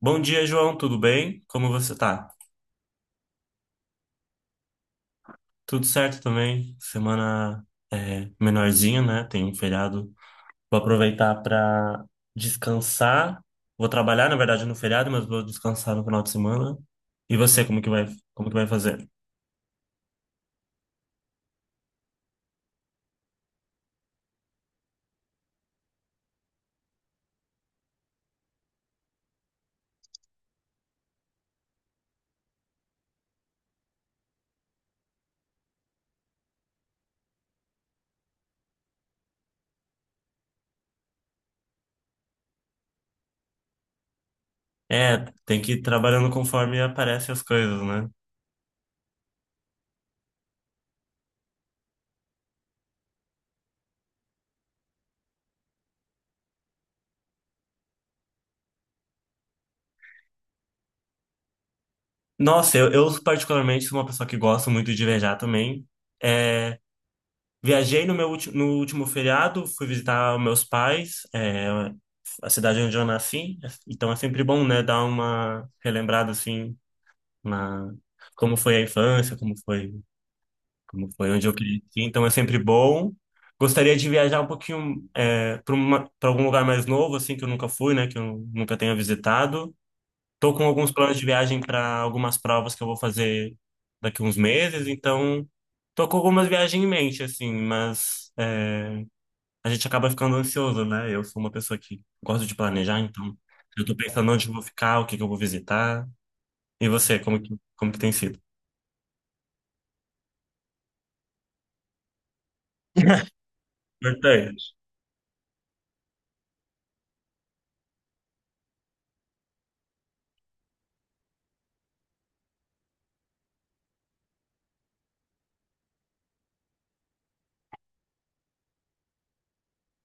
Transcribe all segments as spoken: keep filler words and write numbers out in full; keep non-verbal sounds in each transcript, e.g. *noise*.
Bom dia, João, tudo bem? Como você tá? Tudo certo também. Semana é menorzinha, né? Tem um feriado. Vou aproveitar para descansar. Vou trabalhar, na verdade, no feriado, mas vou descansar no final de semana. E você, como que vai, como que vai fazer? É, tem que ir trabalhando conforme aparecem as coisas, né? Nossa, eu, eu particularmente sou uma pessoa que gosta muito de viajar também. É, viajei no meu ulti- no último feriado, fui visitar meus pais. É, a cidade onde eu nasci, é, então é sempre bom, né, dar uma relembrada assim na como foi a infância, como foi, como foi onde eu cresci, então é sempre bom. Gostaria de viajar um pouquinho é, para uma, para algum lugar mais novo assim que eu nunca fui, né, que eu nunca tenha visitado. Tô com alguns planos de viagem para algumas provas que eu vou fazer daqui uns meses, então tô com algumas viagens em mente assim, mas a gente acaba ficando ansioso, né? Eu sou uma pessoa que gosto de planejar, então eu tô pensando onde eu vou ficar, o que que eu vou visitar. E você, como que, como que tem sido? Importante.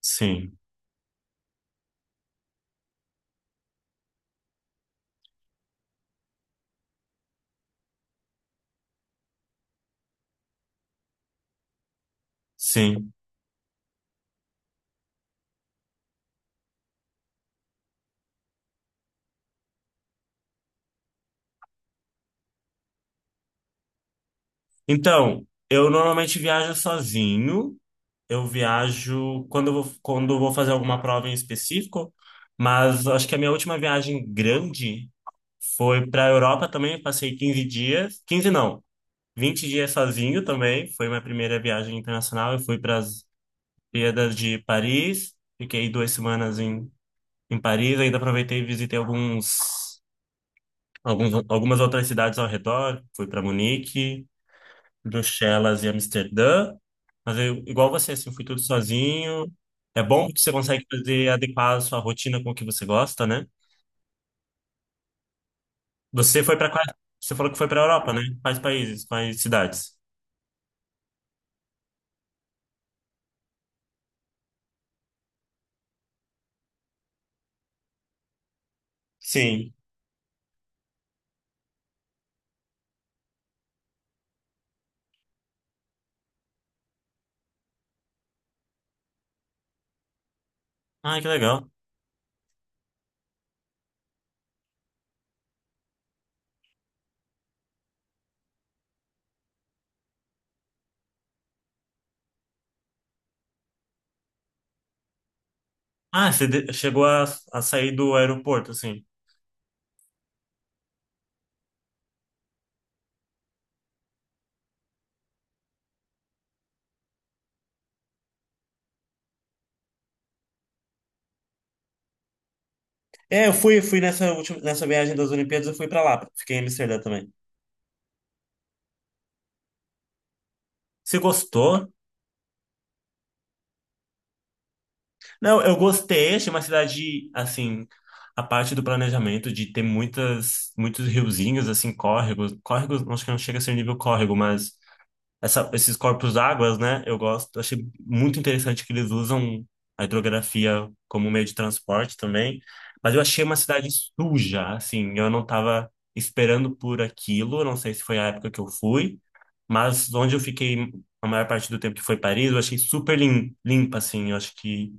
Sim, sim. Então, eu normalmente viajo sozinho. Eu viajo quando eu vou, quando eu vou fazer alguma prova em específico, mas acho que a minha última viagem grande foi para a Europa também. Passei quinze dias, quinze não, vinte dias sozinho também. Foi minha primeira viagem internacional. Eu fui para Olimpíadas de Paris. Fiquei duas semanas em, em Paris. Ainda aproveitei e visitei alguns, alguns, algumas outras cidades ao redor. Fui para Munique, Bruxelas e Amsterdã. Mas eu, igual você, assim, fui tudo sozinho. É bom que você consegue fazer adequar a sua rotina com o que você gosta, né? Você foi para quais? Você falou que foi para Europa, né? Quais países? Quais cidades? Sim. Ah, que legal. Ah, você de- chegou a, a sair do aeroporto, assim. É, eu fui, fui nessa última, nessa viagem das Olimpíadas, eu fui pra lá, fiquei em Amsterdã também. Você gostou? Não, eu gostei, achei uma cidade, assim, a parte do planejamento de ter muitas, muitos riozinhos, assim, córregos, córregos, acho que não chega a ser nível córrego, mas essa- esses corpos d'águas, né? Eu gosto. Eu achei muito interessante que eles usam a hidrografia como meio de transporte também. Mas eu achei uma cidade suja, assim. Eu não estava esperando por aquilo. eu Não sei se foi a época que eu fui, mas onde eu fiquei a maior parte do tempo que foi Paris, eu achei super lim- limpa, assim. Eu acho que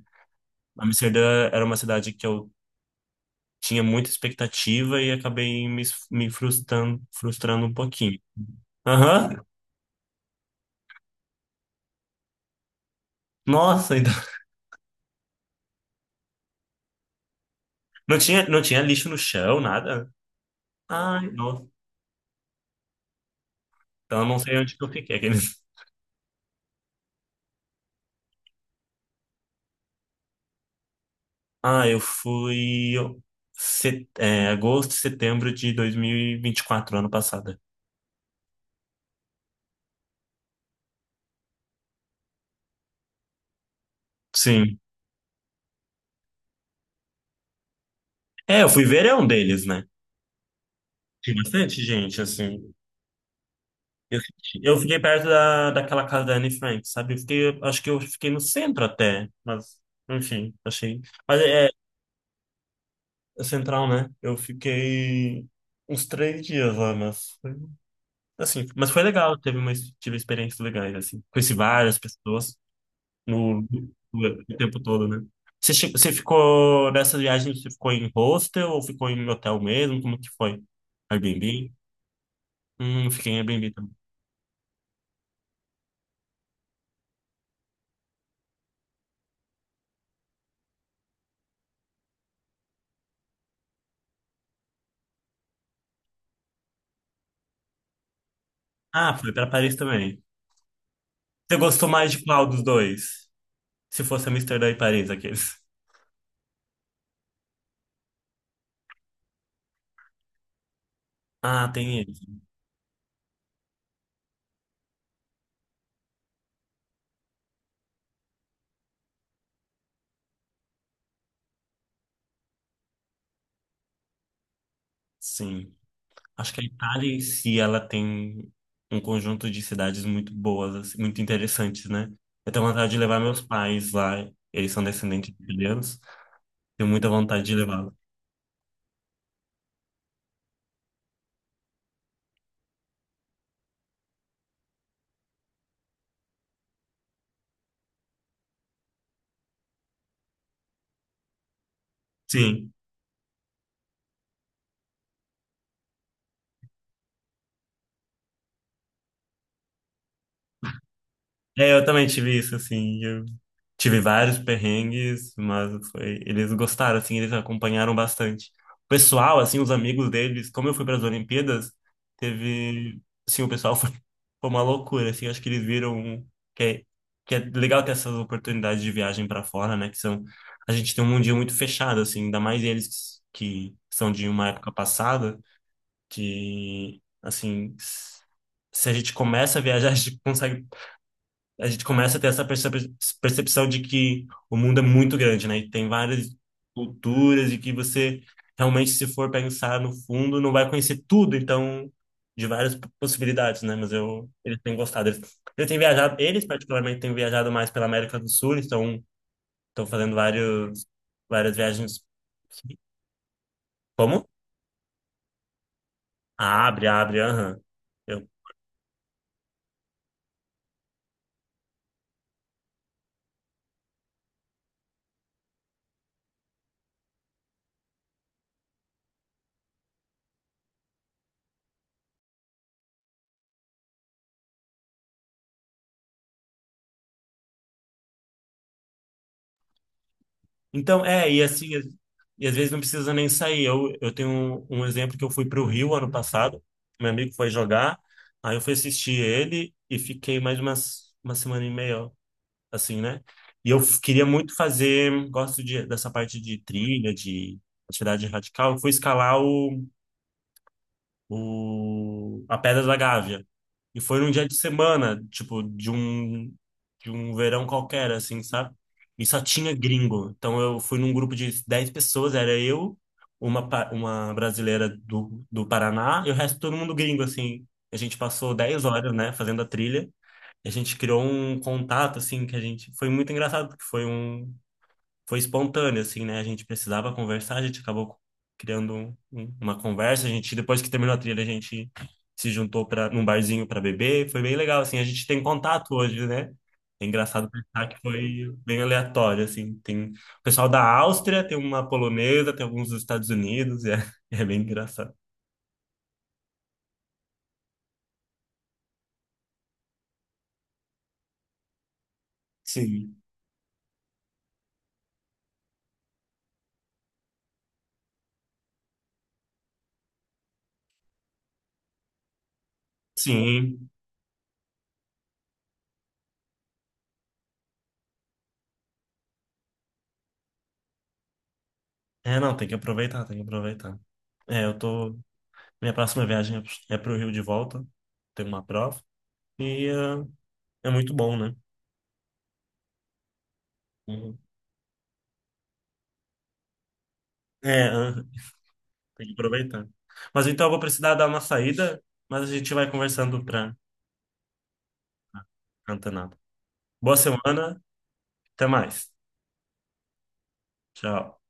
Amsterdã era uma cidade que eu tinha muita expectativa e acabei me, me frustrando, frustrando um pouquinho. Aham. Nossa, Não tinha, não tinha lixo no chão, nada. Ai, nossa, então eu não sei onde que eu fiquei. aqueles. *laughs* Ah, eu fui set, é, agosto, setembro de dois mil e e vinte e quatro ano passado. Sim. É, eu fui verão deles, né? Tinha bastante gente, assim. Eu, senti- eu fiquei perto da, daquela casa da Anne Frank, sabe? Eu fiquei, acho que eu fiquei no centro até, mas, enfim, achei. Mas é, é central, né? Eu fiquei uns três dias lá, mas. Assim, mas foi legal, teve uma, tive experiências legais, assim. Conheci várias pessoas no, no- o tempo todo, né? Você, che- você ficou nessa viagem, você ficou em hostel ou ficou em hotel mesmo? Como que foi? Airbnb? Hum, fiquei em Airbnb também. Ah, foi para Paris também. Você gostou mais de qual dos dois? Se fosse Amsterdã e Paris, aqueles. Ah, tem ele Sim. Acho que a Itália em si, ela tem um conjunto de cidades muito boas, assim, muito interessantes, né? Eu tenho vontade de levar meus pais lá, eles são descendentes de italianos, tenho muita vontade de levá-los. Sim, é, eu também tive isso, assim, Tive vários perrengues, mas foi, eles gostaram, assim, eles acompanharam bastante. O pessoal, assim, os amigos deles, como eu fui para as Olimpíadas, teve, assim, o pessoal *laughs* foi, foi uma loucura, assim, acho que eles viram um, que é, que é legal ter essas oportunidades de viagem para fora, né, que são, a gente tem um mundinho muito fechado, assim, ainda mais eles que são de uma época passada, que, assim, se a gente começa a viajar, *laughs* a gente consegue a gente começa a ter essa percep- percepção de que o mundo é muito grande, né? E tem várias culturas e que você realmente, se for pensar no fundo, não vai conhecer tudo, então, de várias p- possibilidades, né? Mas eu, eles têm gostado. Eles, eles têm viajado, eles particularmente têm viajado mais pela América do Sul, estão, estão fazendo vários, várias viagens. Como? Ah, abre, abre, aham. Então, é, e assim, às- e às vezes não precisa nem sair. Eu, eu tenho um, um exemplo que eu fui para o Rio ano passado, meu amigo foi jogar, aí eu fui assistir ele e fiquei mais umas, uma semana e meia, assim, né? E eu f- queria muito fazer, gosto de, dessa parte de trilha, de atividade radical, eu fui escalar o, a Pedra da Gávea. E foi num dia de semana, tipo, de um, de um verão qualquer, assim, sabe? E só tinha gringo. Então eu fui num grupo de dez pessoas, era eu, uma, pa- uma brasileira do, do Paraná e o resto todo mundo gringo, assim. A gente passou dez horas, né, fazendo a trilha. E a gente criou um contato, assim, que a gente... Foi muito engraçado, porque foi um foi espontâneo, assim, né? A gente precisava conversar, a gente acabou criando um- um- uma conversa. A gente, depois que terminou a trilha, a gente se juntou para num barzinho para beber. Foi bem legal, assim. A gente tem contato hoje, né? É engraçado pensar que foi bem aleatório, assim. Tem o pessoal da Áustria, tem uma polonesa, tem alguns dos Estados Unidos, e é, *laughs* é bem engraçado. Sim. Sim. É, não, tem que aproveitar, tem que aproveitar. É, eu tô. Minha próxima viagem é é pro Rio de volta. Tem uma prova. E eh, é muito bom, né? Uhum. É, aham. tem que aproveitar. Mas então eu vou precisar dar uma saída, mas a gente vai conversando para antenar. Boa semana, até mais. Tchau.